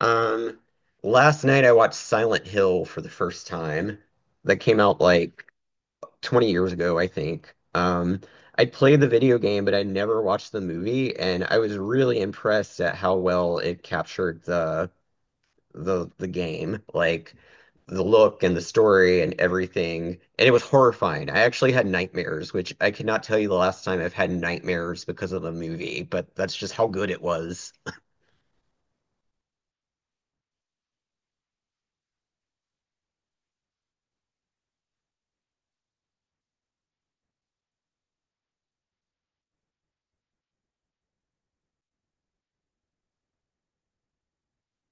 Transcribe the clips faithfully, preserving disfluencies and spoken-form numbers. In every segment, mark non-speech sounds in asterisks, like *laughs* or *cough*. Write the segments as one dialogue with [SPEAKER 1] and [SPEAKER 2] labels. [SPEAKER 1] Um, Last night I watched Silent Hill for the first time. That came out like twenty years ago, I think. Um, I played the video game, but I never watched the movie, and I was really impressed at how well it captured the the the game, like the look and the story and everything. And it was horrifying. I actually had nightmares, which I cannot tell you the last time I've had nightmares because of the movie, but that's just how good it was.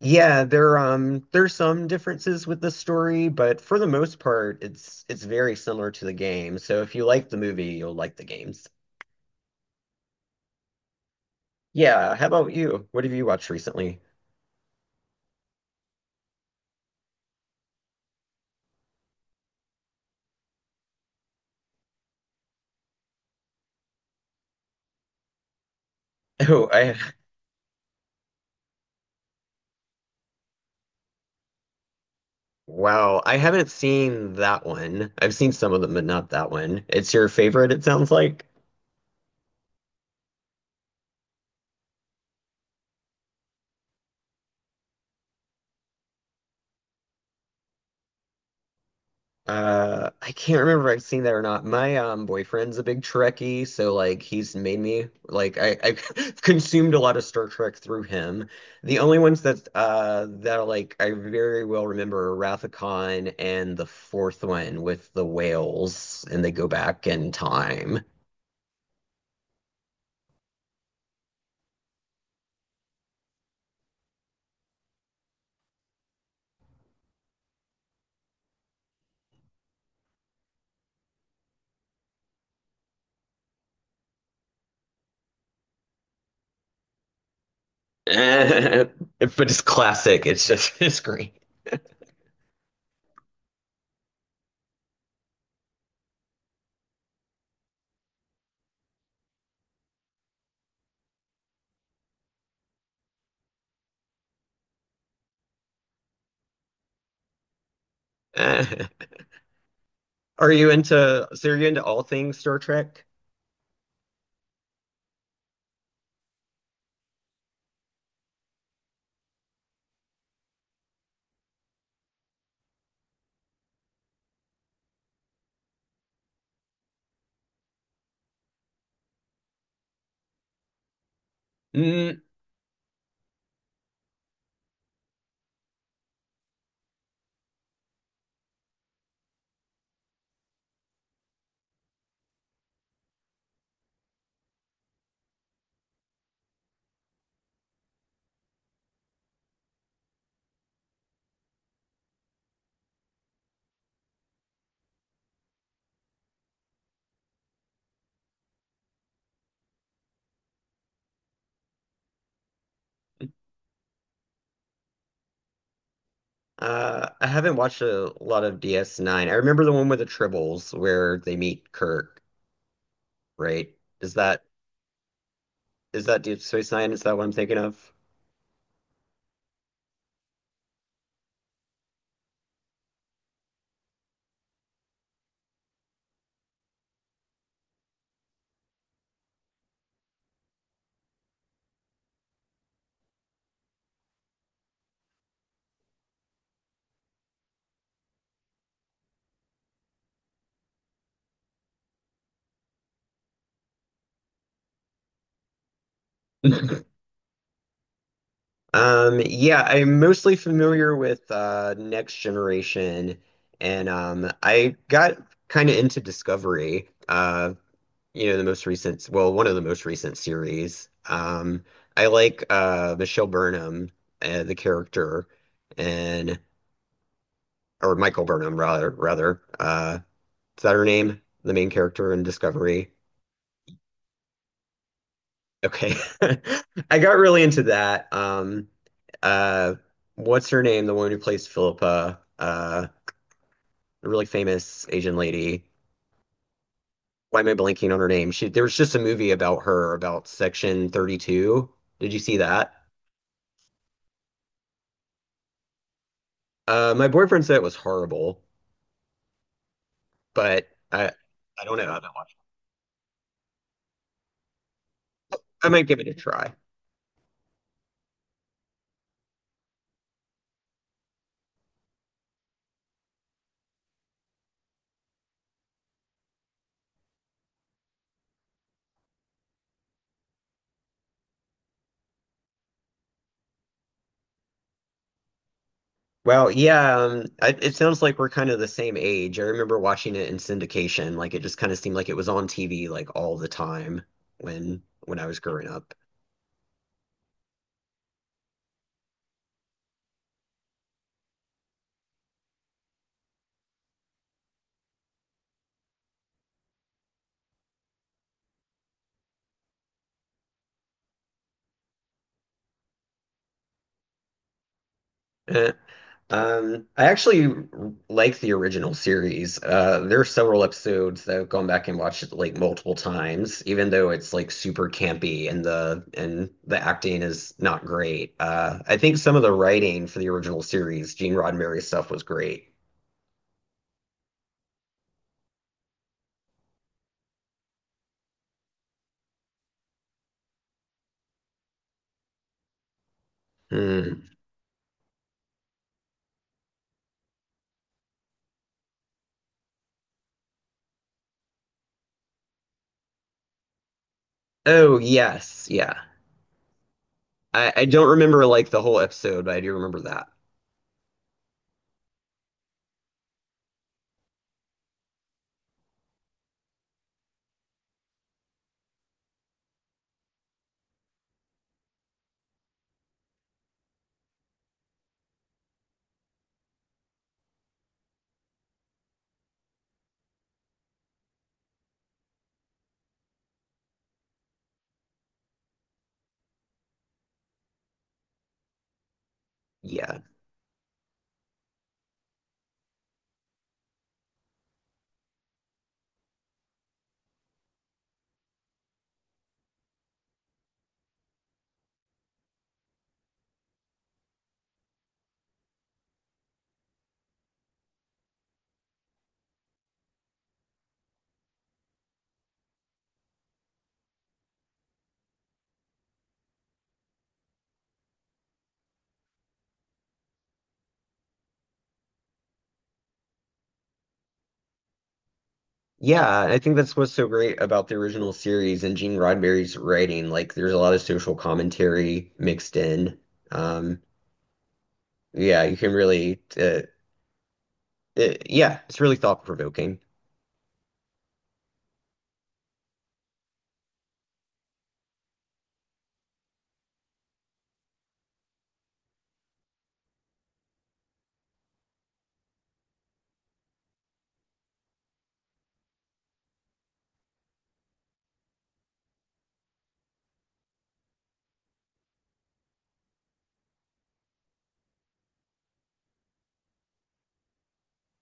[SPEAKER 1] Yeah, there um there's some differences with the story, but for the most part, it's it's very similar to the game. So if you like the movie, you'll like the games. Yeah, how about you? What have you watched recently? *laughs* Oh, I wow, I haven't seen that one. I've seen some of them, but not that one. It's your favorite, it sounds like. Uh, I can't remember if I've seen that or not. My um boyfriend's a big Trekkie, so like he's made me like I I've *laughs* consumed a lot of Star Trek through him. The only ones that uh that like I very well remember are Wrath of Khan and the fourth one with the whales and they go back in time. *laughs* But it's classic. It's just *laughs* it's great. *laughs* Are you into so are you into all things Star Trek? Uh, I haven't watched a lot of D S nine. I remember the one with the Tribbles where they meet Kirk, right? Is that is that Deep Space Nine? Is that what I'm thinking of? *laughs* Um, yeah, I'm mostly familiar with uh Next Generation and um I got kind of into Discovery, uh, you know, the most recent, well, one of the most recent series. Um, I like uh Michelle Burnham, uh, the character and or Michael Burnham rather rather. Uh Is that her name? The main character in Discovery. Okay. *laughs* I got really into that. Um, uh, what's her name? The woman who plays Philippa, uh, a really famous Asian lady. Why am I blanking on her name? She, there was just a movie about her, about Section thirty-two. Did you see that? Uh, my boyfriend said it was horrible, but I, I don't know. I haven't watched it. I might give it a try. Wow, yeah, um, I, it sounds like we're kind of the same age. I remember watching it in syndication. Like it just kind of seemed like it was on T V like all the time when when I was growing up. Eh. Um, I actually r- like the original series. Uh, there are several episodes that I've gone back and watched it like multiple times, even though it's like super campy and the and the acting is not great. Uh, I think some of the writing for the original series, Gene Roddenberry stuff, was great. Hmm. Oh, yes, yeah. I, I don't remember like the whole episode, but I do remember that. Yeah. Yeah, I think that's what's so great about the original series and Gene Roddenberry's writing. Like, there's a lot of social commentary mixed in. Um, yeah, you can really, uh, uh yeah, it's really thought-provoking.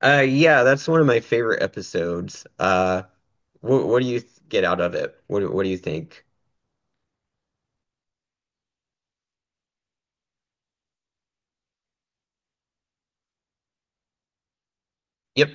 [SPEAKER 1] Uh, yeah, that's one of my favorite episodes. Uh, what what do you th- get out of it? What do- what do you think? Yep.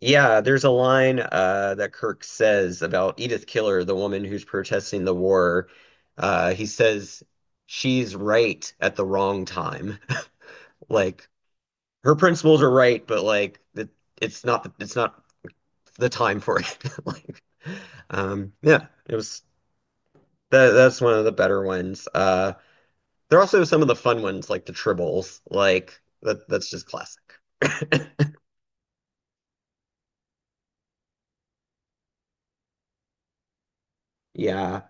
[SPEAKER 1] Yeah, there's a line uh, that Kirk says about Edith Keeler, the woman who's protesting the war. Uh, he says she's right at the wrong time. *laughs* Like her principles are right, but like it, it's not the, it's not the time for it. *laughs* Like, um, yeah, it was that, that's one of the better ones. Uh, there are also some of the fun ones like the tribbles. Like that that's just classic. *laughs* Yeah.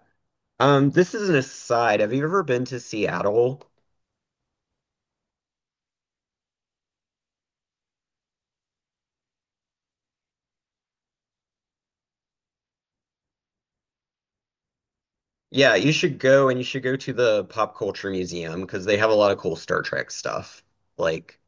[SPEAKER 1] Um, this is an aside. Have you ever been to Seattle? Yeah, you should go and you should go to the Pop Culture Museum because they have a lot of cool Star Trek stuff. Like,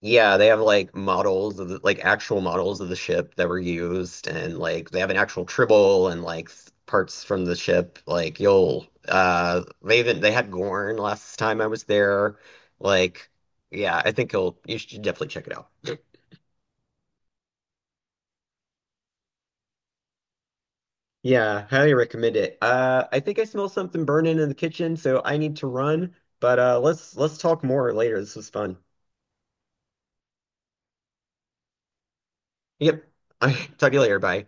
[SPEAKER 1] yeah, they have like models of the, like actual models of the ship that were used, and like they have an actual Tribble and like s- parts from the ship. Like, you'll uh, they even they had Gorn last time I was there. Like, yeah, I think you'll you should definitely check it out. Yeah, highly recommend it. Uh, I think I smell something burning in the kitchen, so I need to run. But uh, let's let's talk more later. This was fun. Yep. *laughs* Talk to you later. Bye.